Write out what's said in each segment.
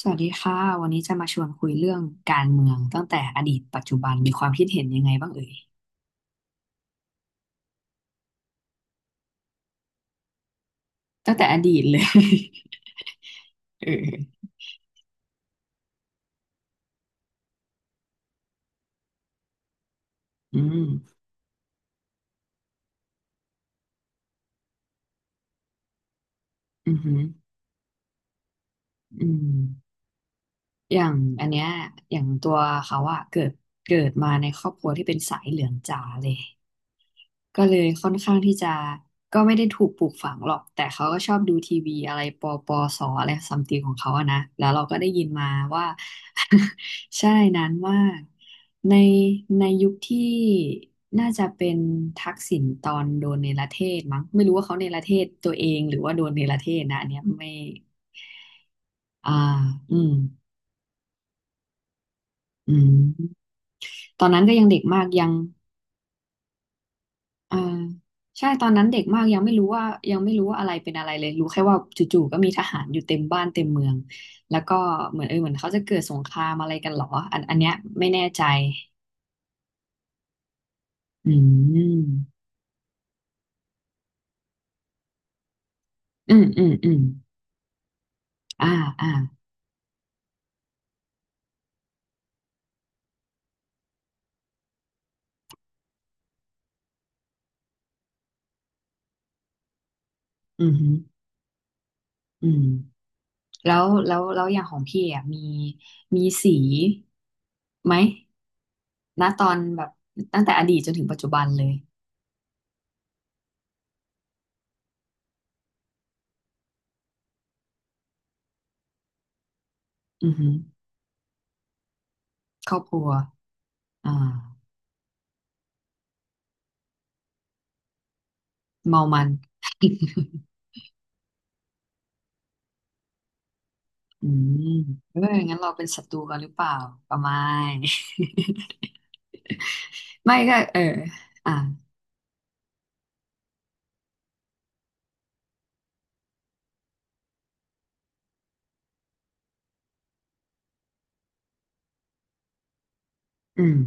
สวัสดีค่ะ วันนี้จะมาชวนคุยเรื่องการเมืองตั้งแต่อดีตปัจจุบันมีความคิดเห็นยังไงบ้างเอ่ยตั้งแต่อดีตเลย เอออืมอือหืออืมอย่างอันเนี้ยอย่างตัวเขาอะเกิดมาในครอบครัวที่เป็นสายเหลืองจ๋าเลย ก็เลยค่อนข้างที่จะก็ไม่ได้ถูกปลูกฝังหรอกแต่เขาก็ชอบดูทีวีอะไรปอปอสออะไรซัมติงของเขาอะนะแล้วเราก็ได้ยินมาว่า ใช่นานมากในในยุคที่น่าจะเป็นทักษิณตอนโดนเนรเทศมั้งไม่รู้ว่าเขาเนรเทศตัวเองหรือว่าโดนเนรเทศนะอันเนี้ยไม่อ่าอืมอืมตอนนั้นก็ยังเด็กมากยัง อ่าใช่ตอนนั้นเด็กมากยังไม่รู้ว่าอะไรเป็นอะไรเลยรู้แค่ว่าจู่ๆก็มีทหารอยู่เต็มบ้านเต็มเมืองแล้วก็เหมือนเหมือนเขาจะเกิดสงครามอะไรกันเหรออันเนี้ยไม่แน่ใจอืมอืมอืมอืมอ่าอ่าอืมฮึอืมแล้วอย่างของพี่อ่ะมีสีไหมณตอนแบบตั้งแต่อดีตจนถึงปัจจุบันเลยอือหืครอบครัวอ่าเมามัน อืมเอองั้นเราเป็นศัตรูกันหรือเปล่าประมาณ ไม่ก็เอออ่ะอืม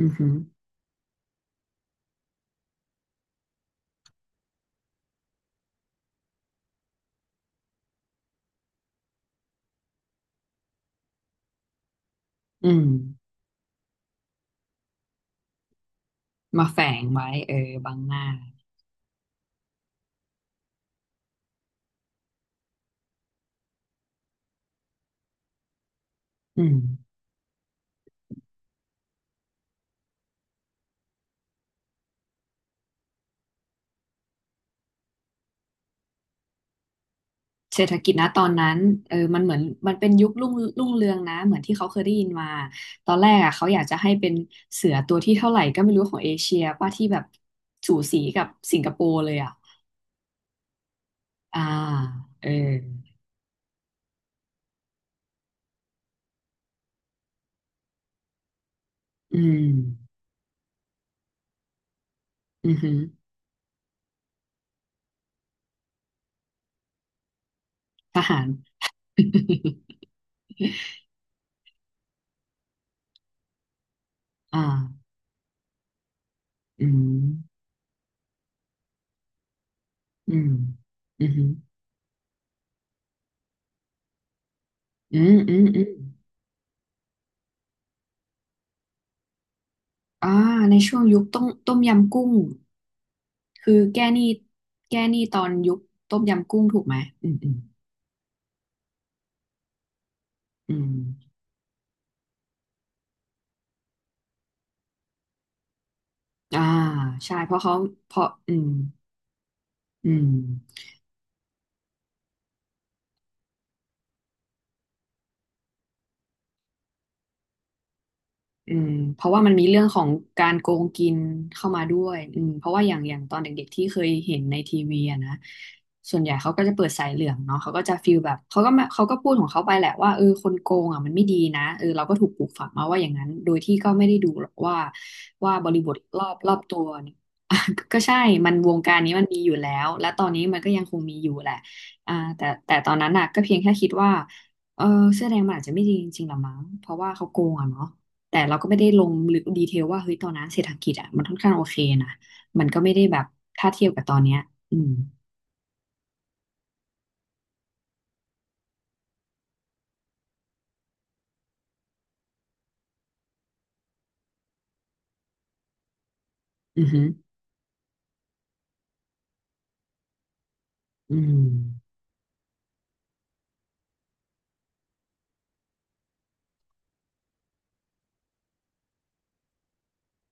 อือหืออืมมาแฝงไว้เออบังหน้าอืมเศรษฐกิจนะตอนนั้นเออมันเหมือนมันเป็นยุครุ่งเรืองนะเหมือนที่เขาเคยได้ยินมาตอนแรกอ่ะเขาอยากจะให้เป็นเสือตัวที่เท่าไหร่ก็ไม่รู้ของเอเชียป่ะที่แบบสูสีกับสิงคโปร์เลยอ่ะอ่าเอออืมอือหือทหาร อ่า อืม อืมอืมอืมอืมอืมอ่าในช่วงยุคต้มยำกุ้งคือแก้หนี้แก้หนี้ตอนยุคต้มยำกุ้งถูกไหมอืมอืมอืมอ่าใช่เพราะเขาเพราะอืมอืม อืมเพราะว่ามันมีเรื่องของการโกงกินเข้ามาด้วยอืมเพราะว่าอย่างตอนเด็กๆที่เคยเห็นในทีวีอะนะส่วนใหญ่เขาก็จะเปิดสายเหลืองเนาะเขาก็จะฟีลแบบเขาก็มาเขาก็พูดของเขาไปแหละว่าเออคนโกงอ่ะมันไม่ดีนะเออเราก็ถูกปลูกฝังมาว่าอย่างนั้นโดยที่ก็ไม่ได้ดูหรอกว่าว่าบริบทรอบตัว เนี่ย ก็ใช่มันวงการนี้มันมีอยู่แล้วและตอนนี้มันก็ยังคงมีอยู่แหละอ่าแต่ตอนนั้นน่ะก็เพียงแค่คิดว่าเออเสื้อแดงมันอาจจะไม่ดีจริงๆหรอมั้งเพราะว่าเขาโกงอ่ะเนาะ แต่เราก็ไม่ได้ลงลึกดีเทลว่าเฮ้ยตอนนั้นเศรษฐกิจอ่ะมันค่อนข้างโอเคนะมันก็ไม่ได้แบบถ้าเทียบกับตอนเนี้ยอืมอือืออืม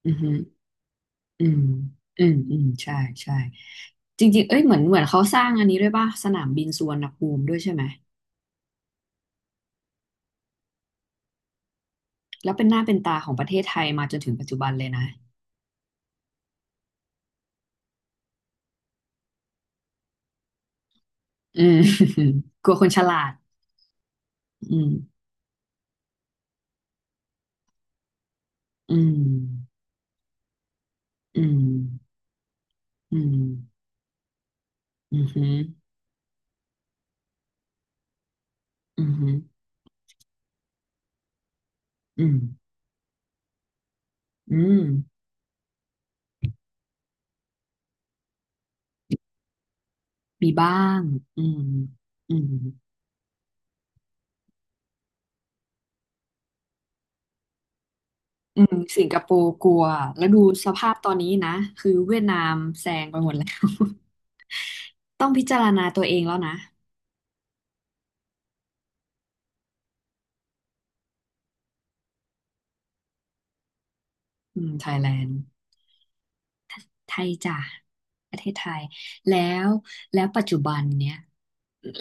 อือืออืมอืมอืมใช่ใช่จริงๆเอ้ยเหมือนเขาสร้างอันนี้ด้วยป่ะสนามบินสุวรรณภูมิด้วยใช่ไหมแล้วเป็นหน้าเป็นตาของประเทศไทยมาจนถึงปัจจุบันเลยนะอืม กลัวคนฉลาดอืมอืมอืมอืมอืมอหืมออืมอหืมออืมอืม มีบ้างอืมอืม อืมสิงคโปร์กลัว แล้วดูสภาพตอนนี้นะ คือเวียดนามแซงไปหมดแล้ว ต้องพิจารณาตัวเองแล้วนะ อืมไทยแลนด์ ไทยจ้ะประเทศไทยแล้วแล้วปัจจุบันเนี้ย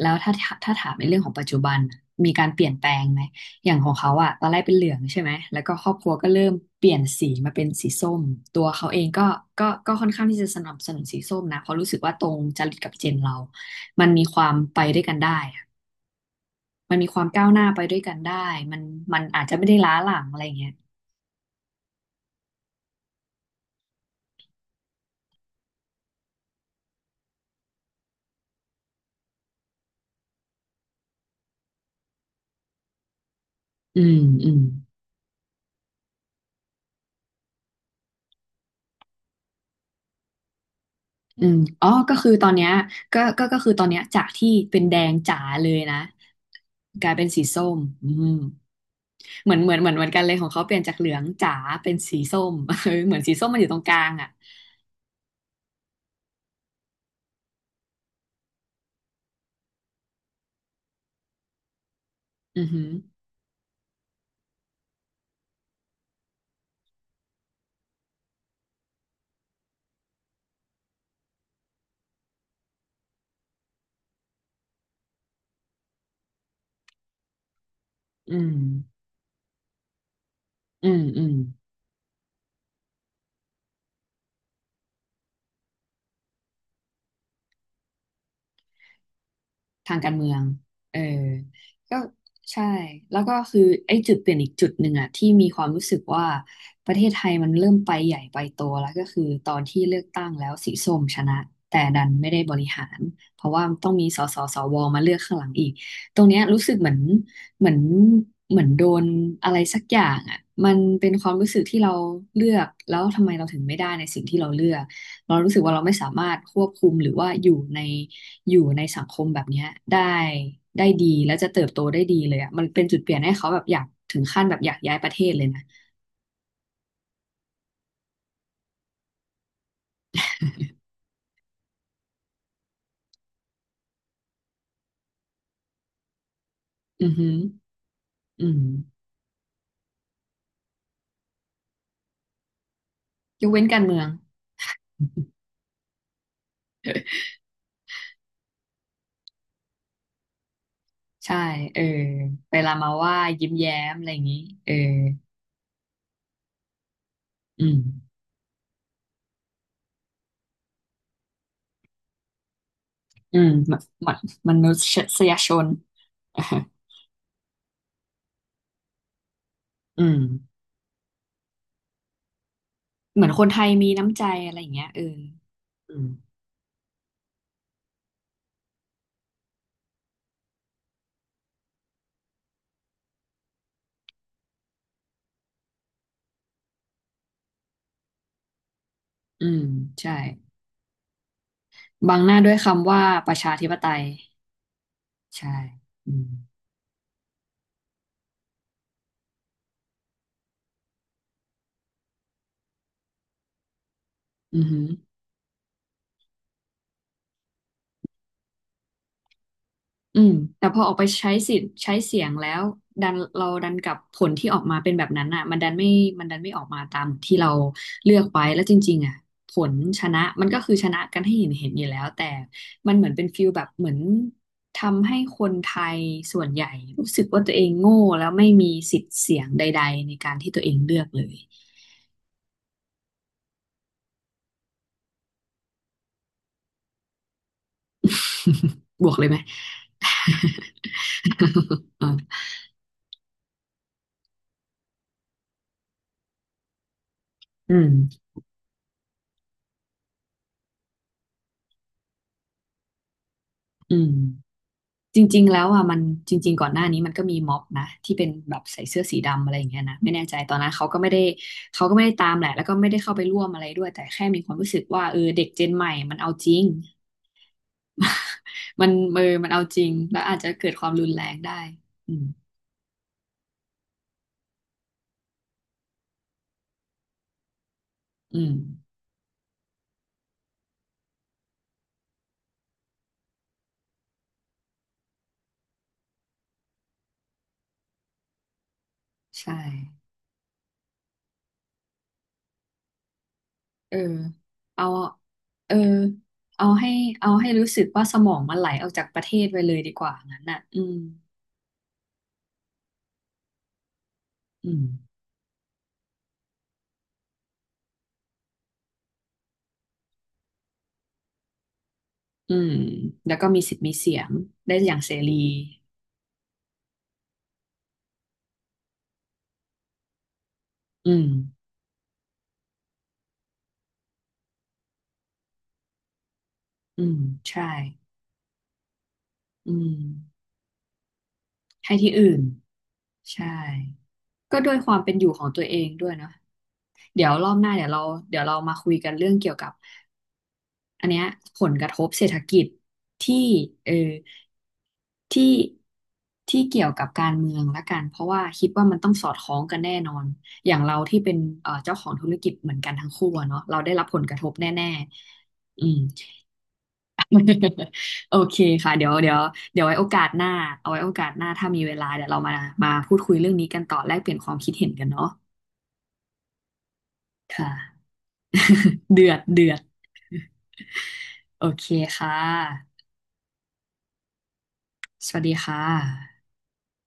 แล้วถ้าถ้าถามในเรื่องของปัจจุบันน่ะมีการเปลี่ยนแปลงไหมอย่างของเขาอะตอนแรกเป็นเหลืองใช่ไหมแล้วก็ครอบครัวก็เริ่มเปลี่ยนสีมาเป็นสีส้มตัวเขาเองก็ค่อนข้างที่จะสนับสนุนสีส้มนะเพราะรู้สึกว่าตรงจริตกับเจนเรา มันมีความไปด้วยกันได้อะมันมีความก้าวหน้าไปด้วยกันได้มันมันอาจจะไม่ได้ล้าหลังอะไรอย่างเงี้ยอืมอืม อืมอ๋อ ก็คือตอนเนี้ยก็คือตอนเนี้ยจากที่เป็นแดงจ๋าเลยนะกลายเป็นสีส้มอืมเหมือนเหมือนเหมือนเหมือนกันเลยของเขาเปลี่ยนจากเหลืองจ๋าเป็นสีส้ม เออเหมือนสีส้มมันอยู่ตรงกลางอ่ะอือหืออืมอืมอืม ทางการเมืองเออก็ใช่แล้วก็คือไอ้จุดเปลี่ยนอีกจุดหนึ่งอะที่มีความรู้สึกว่าประเทศไทยมันเริ่มไปใหญ่ไปโตแล้วก็คือตอนที่เลือกตั้งแล้วสีส้มชนะแต่ดันไม่ได้บริหารเพราะว่าต้องมีสสสวมาเลือกข้างหลังอีกตรงเนี้ยรู้สึกเหมือนเหมือนเหมือนโดนอะไรสักอย่างอะมันเป็นความรู้สึกที่เราเลือกแล้วทำไมเราถึงไม่ได้ในสิ่งที่เราเลือกเรารู้สึกว่าเราไม่สามารถควบคุมหรือว่าอยู่ใน สังคมแบบเนี้ยได้ได้ดีแล้วจะเติบโตได้ดีเลยอ่ะมันเป็นจุดเปลี่ยนให้เขาแบบอยากถึงขั้นแบบอยากย้ายประเทศเลยนะอือหืออืมยกเว้นการเมืองใช่เออไปลามาว่ายิ้มแย้มอะไรอย่างนี้เอออืมอืมมะมะมนุษยชน อืมเหมือนคนไทยมีน้ำใจอะไรอย่างเงี้ยเอออืมอืมใช่บังหน้าด้วยคำว่าประชาธิปไตยใช่อืมอือหือ อืมแต่พอออกไปใช้สิทธิ์ใช้เสียงแล้วดันเราดันกับผลที่ออกมาเป็นแบบนั้นอ่ะมันดันไม่ออกมาตามที่เราเลือกไว้แล้วจริงๆอ่ะผลชนะมันก็คือชนะกันให้เห็นเห็นอยู่แล้วแต่มันเหมือนเป็นฟิลแบบเหมือนทำให้คนไทยส่วนใหญ่รู้สึกว่าตัวเองโง่แล้วไม่มีสิทธิ์เสียงใดๆในการที่ตัวเองเลือกเลย บวกเลยไหม อืมอืม จริงๆแล้วอ่ะมันจริงๆก่อนหน้านี้มันก็มีม็อบนะที่เป็นแบบใส่เสื้อสีดำอะไรอย่างเงี้ยนะไม่แน่ใจตอนนั้นเขาก็ไม่ได้ตามแหละแล้วก็ไม่ได้เข้าไปร่วมอะไรด้วยแต่แค่มีความรู้สึกว่าเออเด็กเจนใหม่มันเอาจริงมันมันเอาจริงแล้วอาจจะเกิดความรุนแรงได้อืมอืมใช่เออเอาเออเอาให้เอาให้รู้สึกว่าสมองมันไหลออกจากประเทศไปเลยดีกว่างั้นน่ะอืมอืมอืมแล้วก็มีสิทธิ์มีเสียงได้อย่างเสรีอืม อืมใช่อืมให้ที่อื่นใช่ก็ด้วยความเป็นอยู่ของตัวเองด้วยเนาะเดี๋ยวรอบหน้าเดี๋ยวเราเดี๋ยวเรามาคุยกันเรื่องเกี่ยวกับอันเนี้ยผลกระทบเศรษฐกิจที่เออที่เกี่ยวกับการเมืองละกันเพราะว่าคิดว่ามันต้องสอดคล้องกันแน่นอนอย่างเราที่เป็นเจ้าของธุรกิจเหมือนกันทั้งคู่อะเนาะเราได้รับผลกระทบแน่ๆอืม โอเคค่ะเดี๋ยวเดี๋ยวเดี๋ยวไว้โอกาสหน้าเอาไว้โอกาสหน้าถ้ามีเวลาเดี๋ยวเรามาพูดคุยเรื่องนี้กันต่อแลกเปลี่ยนความคิดเห็นกันเนาะค่ะเดือดเดือดโอเคค่ะสวัสดีค่ะ